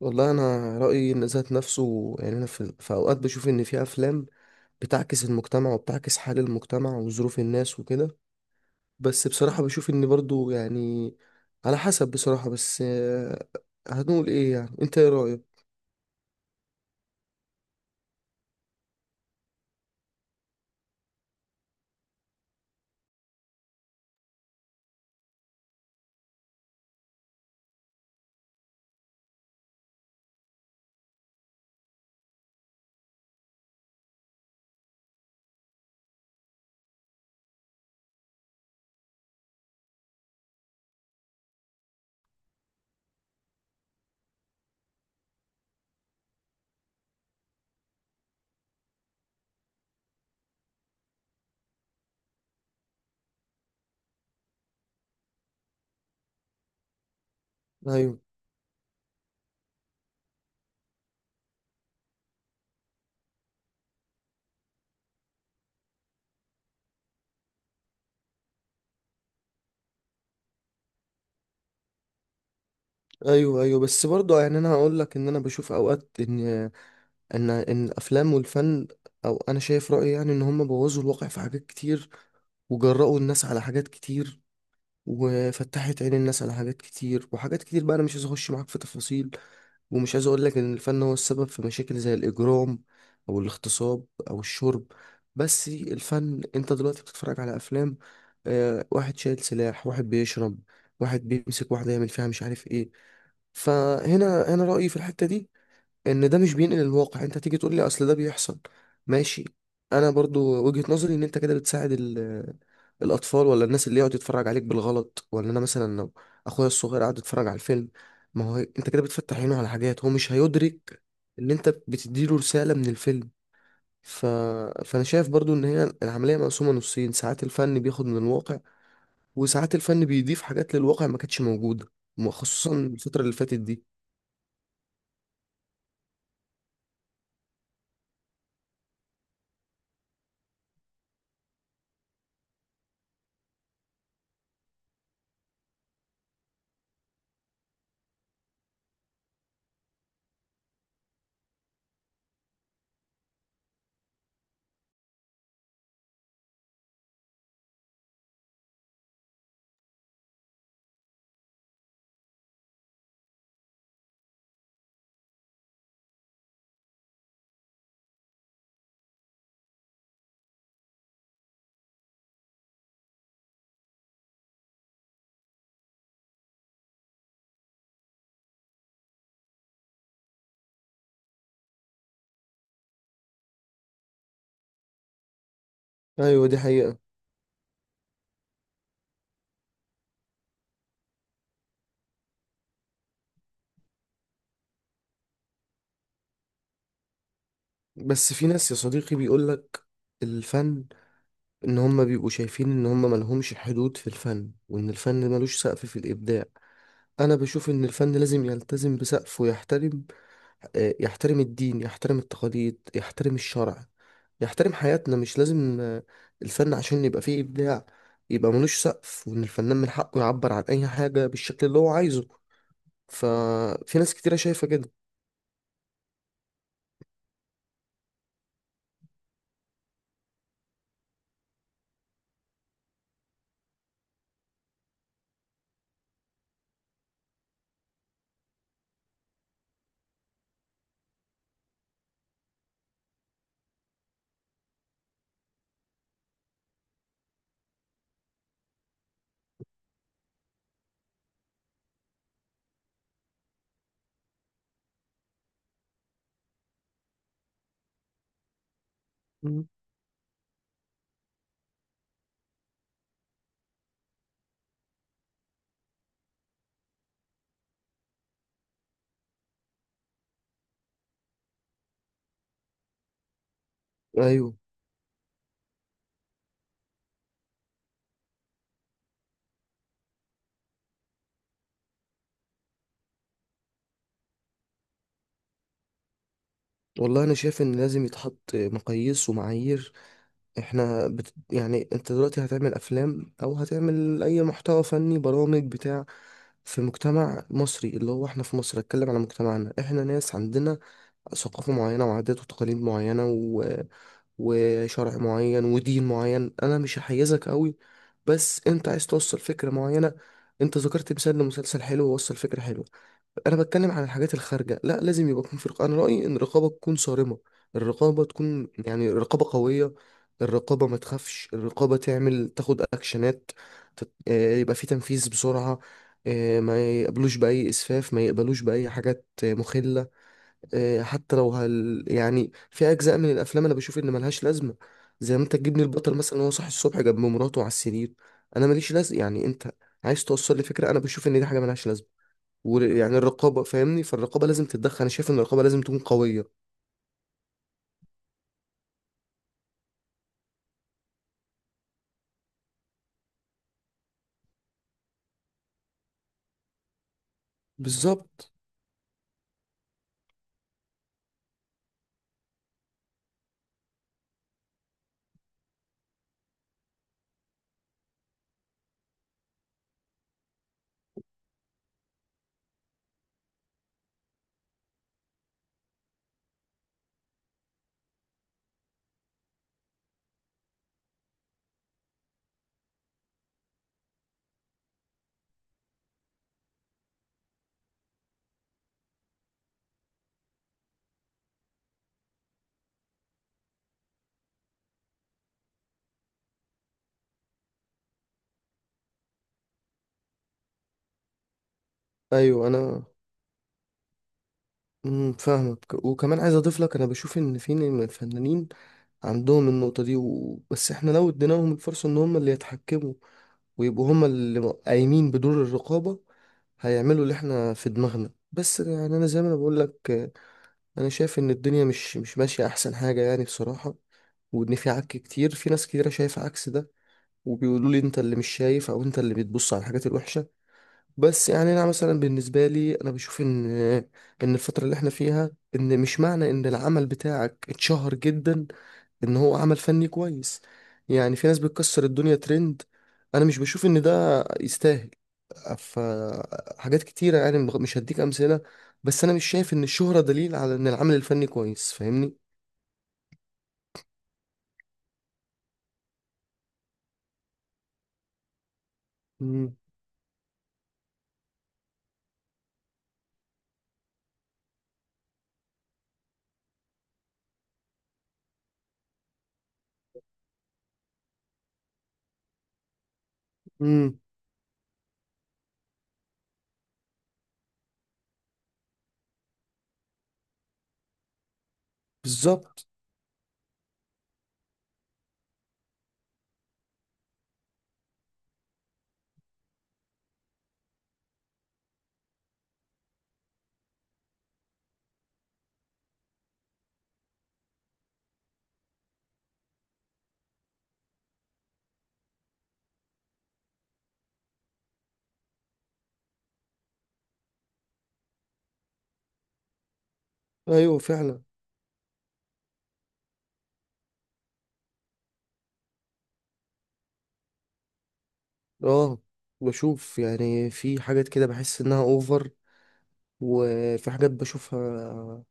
والله انا رايي ان ذات نفسه يعني انا في اوقات بشوف ان في افلام بتعكس المجتمع وبتعكس حال المجتمع وظروف الناس وكده. بس بصراحه بشوف ان برضو يعني على حسب بصراحه. بس هنقول ايه؟ يعني انت ايه رايك؟ ايوه، ايوه، ايوه، بس برضو يعني انا هقول لك ان انا بشوف اوقات ان الافلام والفن، او انا شايف رايي يعني ان هم بوظوا الواقع في حاجات كتير، وجرأوا الناس على حاجات كتير، وفتحت عين الناس على حاجات كتير. وحاجات كتير بقى انا مش عايز اخش معاك في تفاصيل، ومش عايز اقول لك ان الفن هو السبب في مشاكل زي الاجرام او الاغتصاب او الشرب. بس الفن، انت دلوقتي بتتفرج على افلام، واحد شايل سلاح، واحد بيشرب، واحد بيمسك واحدة يعمل فيها مش عارف ايه. فهنا انا رأيي في الحتة دي ان ده مش بينقل الواقع. انت تيجي تقول لي اصل ده بيحصل، ماشي، انا برضو وجهة نظري ان انت كده بتساعد الاطفال، ولا الناس اللي يقعد يتفرج عليك بالغلط. ولا انا مثلا لو اخويا الصغير قاعد يتفرج على الفيلم، ما هو انت كده بتفتح عينه على حاجات هو مش هيدرك ان انت بتديله رسالة من الفيلم. ف... فانا شايف برضو ان هي العملية مقسومة نصين. ساعات الفن بياخد من الواقع، وساعات الفن بيضيف حاجات للواقع ما كانتش موجودة، خصوصا الفترة اللي فاتت دي. ايوه، دي حقيقة. بس في ناس يا صديقي بيقولك الفن، ان هم بيبقوا شايفين ان هم ملهمش حدود في الفن، وان الفن ملوش سقف في الابداع. انا بشوف ان الفن لازم يلتزم بسقف ويحترم. يحترم الدين، يحترم التقاليد، يحترم الشرع، يحترم حياتنا. مش لازم الفن عشان يبقى فيه ابداع يبقى ملوش سقف، وان الفنان من حقه يعبر عن اي حاجة بالشكل اللي هو عايزه. ففي ناس كتيرة شايفة كده. مم. ايوه. والله انا شايف ان لازم يتحط مقاييس ومعايير. احنا يعني انت دلوقتي هتعمل افلام او هتعمل اي محتوى فني، برامج، بتاع، في مجتمع مصري اللي هو احنا في مصر. اتكلم على مجتمعنا، احنا ناس عندنا ثقافة معينة وعادات وتقاليد معينة وشرع معين ودين معين. انا مش هحيزك قوي، بس انت عايز توصل فكرة معينة. انت ذكرت مثال لمسلسل حلو ووصل فكرة حلوة. انا بتكلم عن الحاجات الخارجه، لا، لازم يبقى يكون في رقابه. انا رايي ان الرقابه تكون صارمه، الرقابه تكون يعني رقابه قويه. الرقابه ما تخافش، الرقابه تعمل تاخد اكشنات. يبقى في تنفيذ بسرعه. ما يقبلوش باي اسفاف، ما يقبلوش باي حاجات مخله. حتى لو هل يعني في اجزاء من الافلام انا بشوف ان ملهاش لازمه. زي ما انت تجيبني البطل مثلا وهو صاحي الصبح جنب مراته على السرير، انا ماليش لازمه. يعني انت عايز توصل لي فكره، انا بشوف ان دي حاجه ملهاش لازمه. ويعني الرقابه، فاهمني، فالرقابه لازم تتدخل. انا شايف ان الرقابه لازم تكون قويه. بالظبط. ايوه انا. فاهمك، وكمان عايز اضيف لك. انا بشوف ان في من الفنانين عندهم النقطه دي، بس احنا لو اديناهم الفرصه ان هم اللي يتحكموا ويبقوا هما اللي قايمين بدور الرقابة، هيعملوا اللي احنا في دماغنا. بس يعني انا زي ما انا بقول لك، انا شايف ان الدنيا مش ماشية احسن حاجة يعني بصراحة. وان في عك كتير، في ناس كتيرة شايفة عكس ده، وبيقولوا لي انت اللي مش شايف او انت اللي بتبص على الحاجات الوحشة. بس يعني انا مثلا بالنسبه لي، انا بشوف ان الفتره اللي احنا فيها، ان مش معنى ان العمل بتاعك اتشهر جدا ان هو عمل فني كويس. يعني في ناس بتكسر الدنيا ترند، انا مش بشوف ان ده يستاهل. ف حاجات كتيره يعني مش هديك امثله، بس انا مش شايف ان الشهره دليل على ان العمل الفني كويس. فاهمني؟ امم امم بالظبط. ايوه فعلا. اه، بشوف يعني في حاجات كده بحس انها اوفر، وفي حاجات بشوفها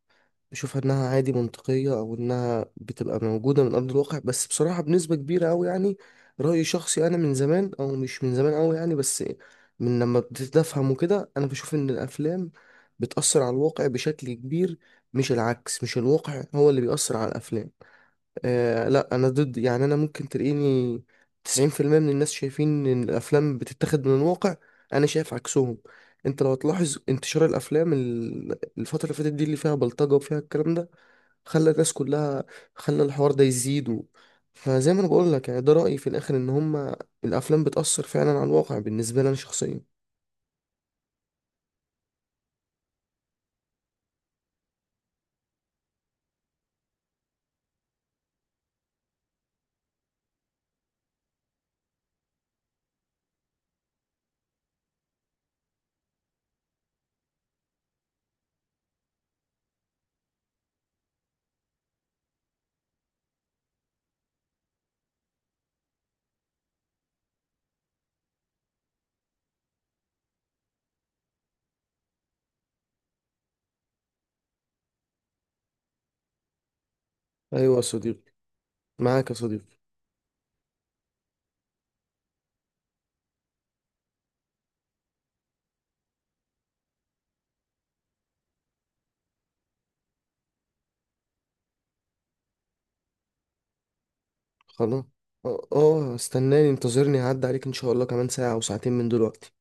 بشوفها انها عادي منطقية، او انها بتبقى موجودة من ارض الواقع. بس بصراحة بنسبة كبيرة اوي يعني، رأيي شخصي. انا من زمان، او مش من زمان اوي يعني، بس من لما ابتديت افهم وكده، انا بشوف ان الافلام بتأثر على الواقع بشكل كبير. مش العكس، مش الواقع هو اللي بيأثر على الافلام. لا انا ضد. يعني انا ممكن تلاقيني 90% من الناس شايفين ان الافلام بتتاخد من الواقع، انا شايف عكسهم. انت لو هتلاحظ انتشار الافلام، الفتره اللي فاتت دي اللي فيها بلطجه وفيها الكلام ده، خلى الناس كلها، خلى الحوار ده يزيد فزي ما انا بقول لك يعني، ده رايي في الاخر ان هما الافلام بتاثر فعلا على الواقع، بالنسبه لي انا شخصيا. ايوه يا صديقي. معاك يا صديقي. خلاص. اه استناني، انتظرني، هعدي عليك ان شاء الله كمان ساعه او ساعتين من دلوقتي.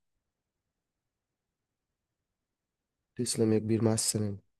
تسلم يا كبير، مع السلامه.